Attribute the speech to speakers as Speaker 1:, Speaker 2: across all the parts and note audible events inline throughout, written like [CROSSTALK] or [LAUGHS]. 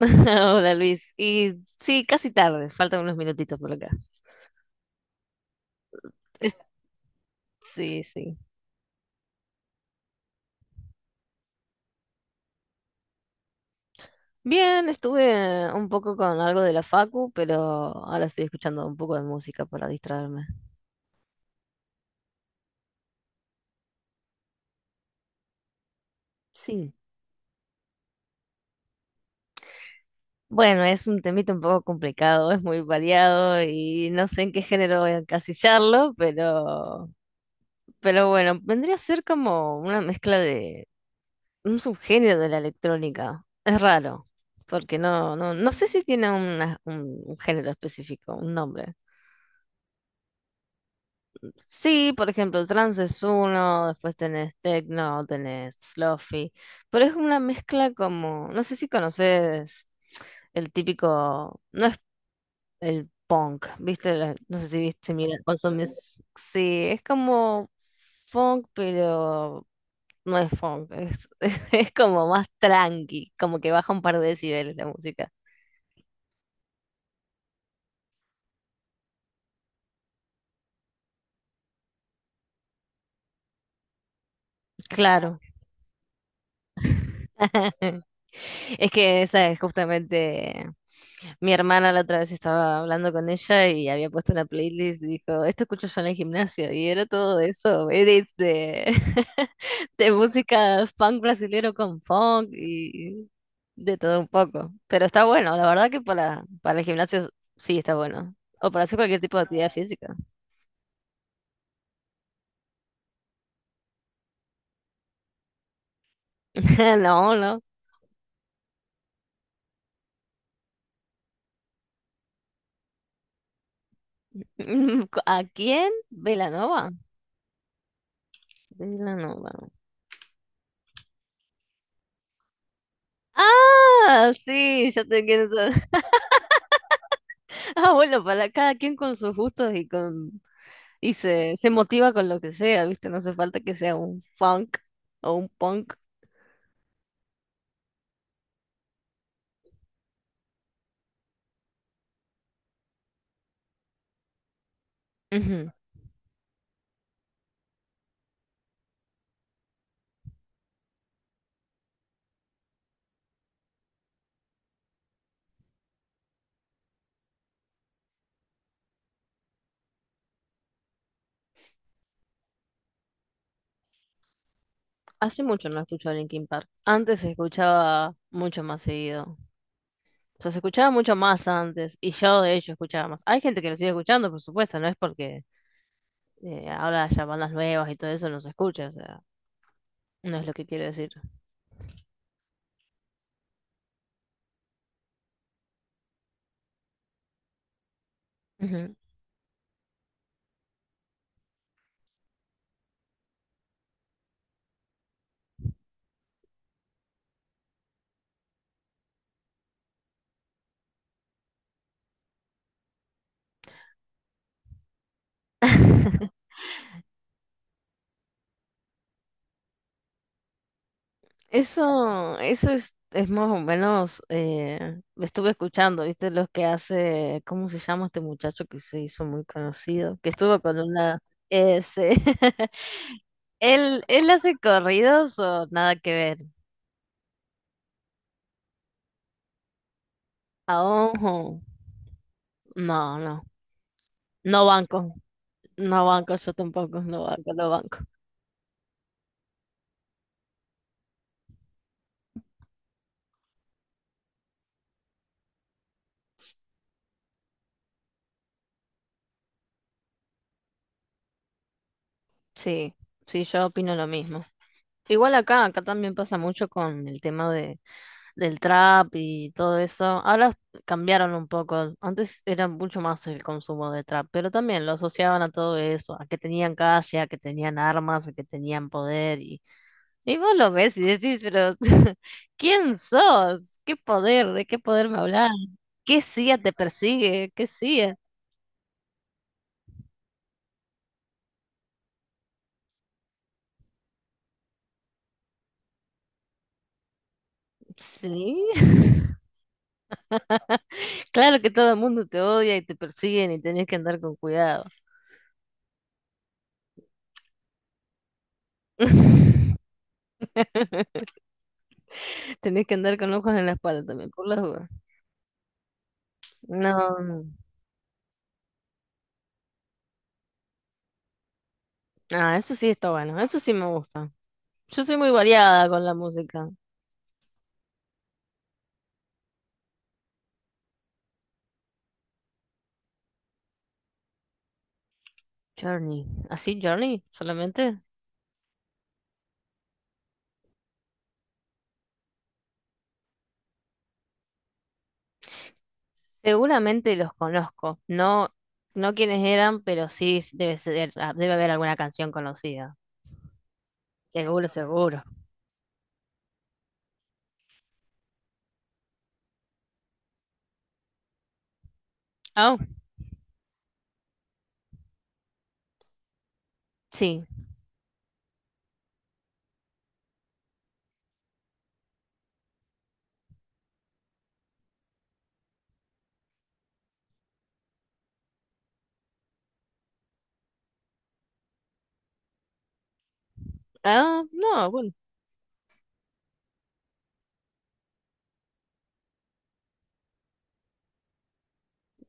Speaker 1: [LAUGHS] Hola Luis. Y sí, casi tarde, faltan unos minutitos por acá. [LAUGHS] Sí, sí. Bien, estuve un poco con algo de la facu, pero ahora estoy escuchando un poco de música para distraerme. Sí. Bueno, es un temita un poco complicado, es muy variado y no sé en qué género voy a encasillarlo, pero bueno, vendría a ser como una mezcla de un subgénero de la electrónica. Es raro, porque no sé si tiene un género específico, un nombre. Sí, por ejemplo, trance es uno, después tenés techno, tenés lofi, pero es una mezcla como, no sé si conoces el típico, no es el punk, ¿viste? La- no sé si viste, mira, consumís, sí, es como funk, pero no es funk, es, [LAUGHS] es como más tranqui, como que baja un par de decibeles la música. Claro. [LAUGHS] Es que esa es justamente mi hermana la otra vez estaba hablando con ella y había puesto una playlist y dijo, esto escucho yo en el gimnasio y era todo eso, edits de, [LAUGHS] de música funk brasilero con funk y de todo un poco. Pero está bueno, la verdad que para el gimnasio sí está bueno. O para hacer cualquier tipo de actividad física. [LAUGHS] No, no. [LAUGHS] ¿A quién? Belanova. Belanova. Ah, sí, ya te quiero saber. [LAUGHS] Ah, bueno, para cada quien con sus gustos y con y se motiva con lo que sea, ¿viste? No hace falta que sea un funk o un punk. Ujú. Hace mucho no escucho a Linkin Park. Antes se escuchaba mucho más seguido. O sea, se escuchaba mucho más antes y yo de hecho escuchaba más. Hay gente que lo sigue escuchando, por supuesto, no es porque ahora haya bandas nuevas y todo eso no se escucha, o sea, no es lo que quiero decir. Ujú. [LAUGHS] Eso es más o menos, estuve escuchando, ¿viste? Los que hace, ¿cómo se llama este muchacho que se hizo muy conocido? Que estuvo con una... Ese. [LAUGHS] ¿Él, él hace corridos o nada que ver? A ojo. No, no. No banco. No banco, yo tampoco. No banco, no banco. Sí, sí, yo opino lo mismo. Igual acá, acá también pasa mucho con el tema de del trap y todo eso. Ahora cambiaron un poco. Antes era mucho más el consumo de trap, pero también lo asociaban a todo eso, a que tenían calle, a que tenían armas, a que tenían poder. Y vos lo ves y decís, pero [LAUGHS] ¿quién sos? ¿Qué poder? ¿De qué poder me hablas? ¿Qué CIA te persigue? ¿Qué CIA? Sí. [LAUGHS] Claro que todo el mundo te odia y te persiguen y tenés que andar con cuidado. [LAUGHS] Tenés que andar con ojos en la espalda también, por las dudas. No, ah, eso sí está bueno, eso sí me gusta. Yo soy muy variada con la música. Journey, ¿así Journey solamente? Seguramente los conozco, no, no quiénes eran, pero sí debe ser, ah, debe haber alguna canción conocida. Seguro, seguro. Ah, sí. Ah, no, bueno,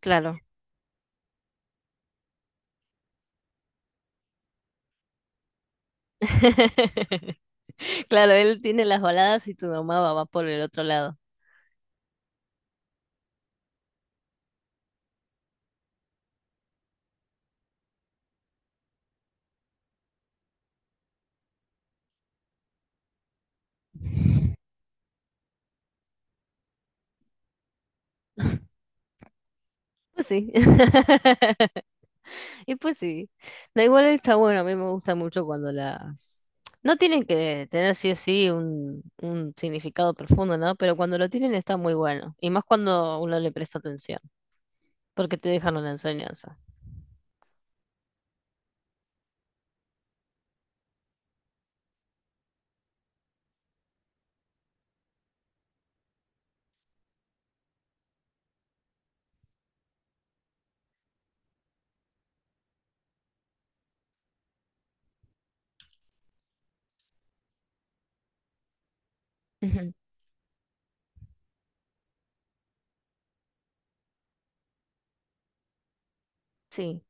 Speaker 1: claro. [LAUGHS] Claro, él tiene las baladas y tu mamá va por el otro lado. Pues sí. [LAUGHS] Y pues sí, da igual está bueno, a mí me gusta mucho cuando las... No tienen que tener sí o sí un significado profundo, ¿no? Pero cuando lo tienen está muy bueno. Y más cuando uno le presta atención, porque te dejan una enseñanza. Ujú. Sí,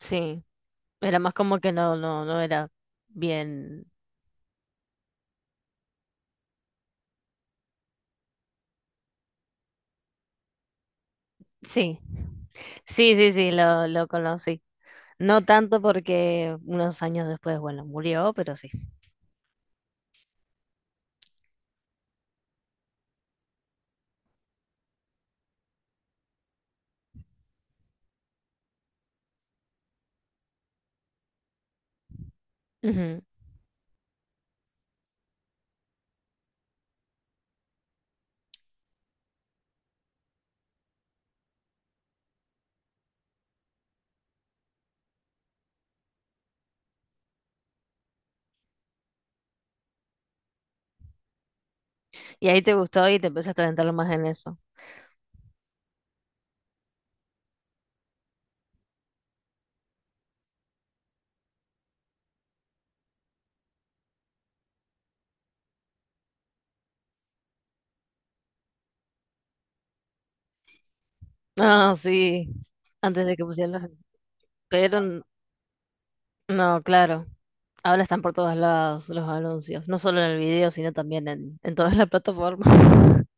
Speaker 1: sí. Era más como que no era bien. Sí, sí, sí, sí, lo conocí. No tanto porque unos años después, bueno, murió, pero sí. Ujú. Y ahí te gustó y te empezaste a adentrarlo más en eso. Ah, sí, antes de que pusieran los... Pero n- no, claro, ahora están por todos lados los anuncios, no solo en el video, sino también en todas las plataformas. [LAUGHS]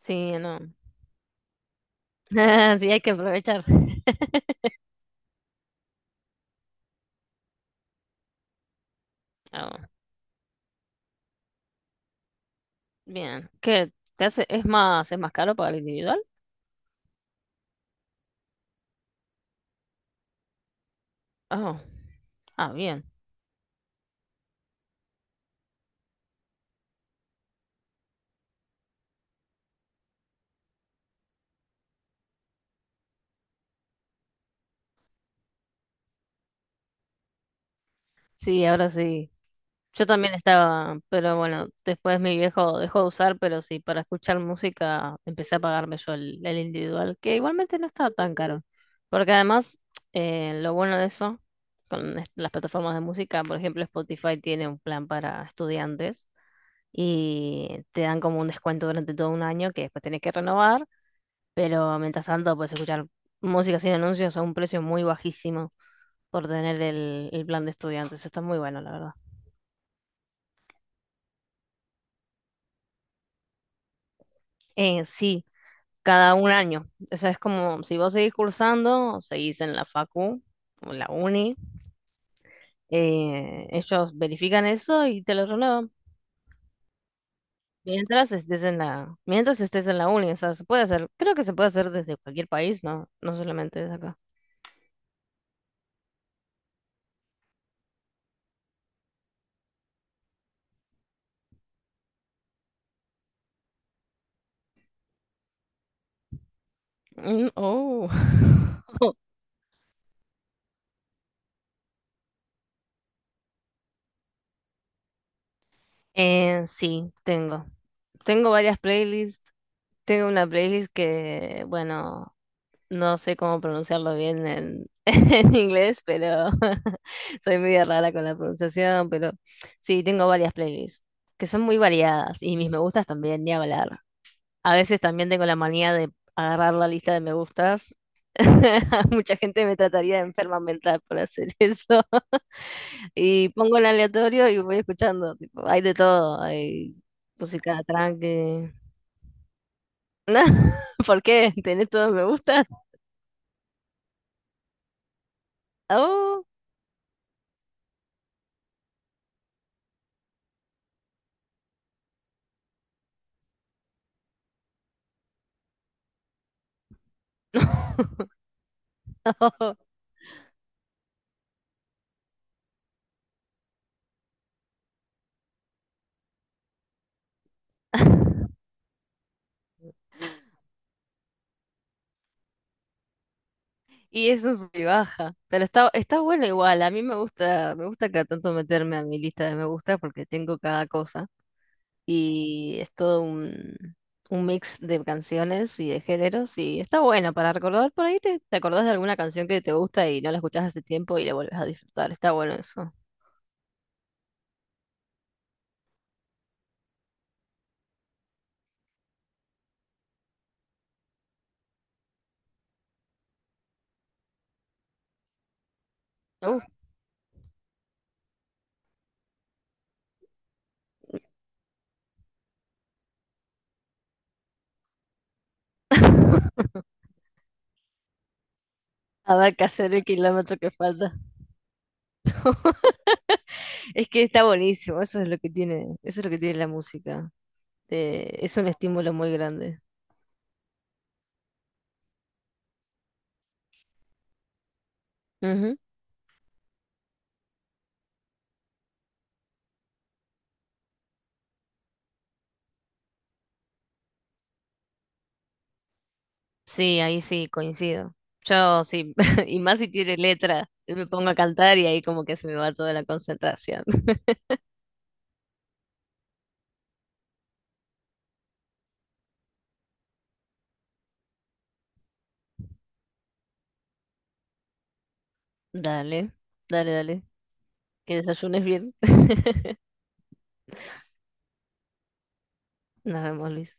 Speaker 1: Sí, no. [LAUGHS] Sí, hay que aprovechar. Ah, bien. ¿Qué te hace? Es más caro para el individual? Oh, ah, bien. Sí, ahora sí. Yo también estaba, pero bueno, después mi viejo dejó de usar, pero sí, para escuchar música empecé a pagarme yo el individual, que igualmente no estaba tan caro. Porque además, lo bueno de eso, con est- las plataformas de música, por ejemplo, Spotify tiene un plan para estudiantes y te dan como un descuento durante todo un año que después tenés que renovar, pero mientras tanto puedes escuchar música sin anuncios a un precio muy bajísimo por tener el plan de estudiantes. Está muy bueno, la verdad. Sí. Cada un año. O sea, es como si vos seguís cursando, o seguís en la facu o en la uni, ellos verifican eso y te lo renuevan. Mientras estés en la, mientras estés en la uni, o sea, se puede hacer, creo que se puede hacer desde cualquier país, no, no solamente desde acá. Mm, oh. [LAUGHS] Sí, tengo. Tengo varias playlists. Tengo una playlist que, bueno, no sé cómo pronunciarlo bien en, [LAUGHS] en inglés, pero [LAUGHS] soy media rara con la pronunciación, pero sí, tengo varias playlists que son muy variadas y mis me gustas también, ni hablar. A veces también tengo la manía de agarrar la lista de me gustas. [LAUGHS] Mucha gente me trataría de enferma mental por hacer eso. [LAUGHS] Y pongo el aleatorio y voy escuchando. Tipo, hay de todo, hay música tranqui. [LAUGHS] ¿Por qué? ¿Tenés todos me gustas? Oh. [LAUGHS] [LAUGHS] [LAUGHS] Y es un sub y baja, pero está, está bueno igual, a mí me gusta cada tanto meterme a mi lista de me gusta porque tengo cada cosa y es todo un mix de canciones y de géneros y está bueno para recordar por ahí te, te acordás de alguna canción que te gusta y no la escuchás hace tiempo y la vuelves a disfrutar, está bueno eso. Uh. [LAUGHS] A ver qué hacer el kilómetro que falta. Es que está buenísimo, eso es lo que tiene, eso es lo que tiene la música. Te- es un estímulo muy grande. Sí, ahí sí, coincido. Yo sí, [LAUGHS] y más si tiene letra, yo me pongo a cantar y ahí como que se me va toda la concentración. [LAUGHS] Dale, dale, dale. Que desayunes bien. [LAUGHS] Nos vemos, Luis.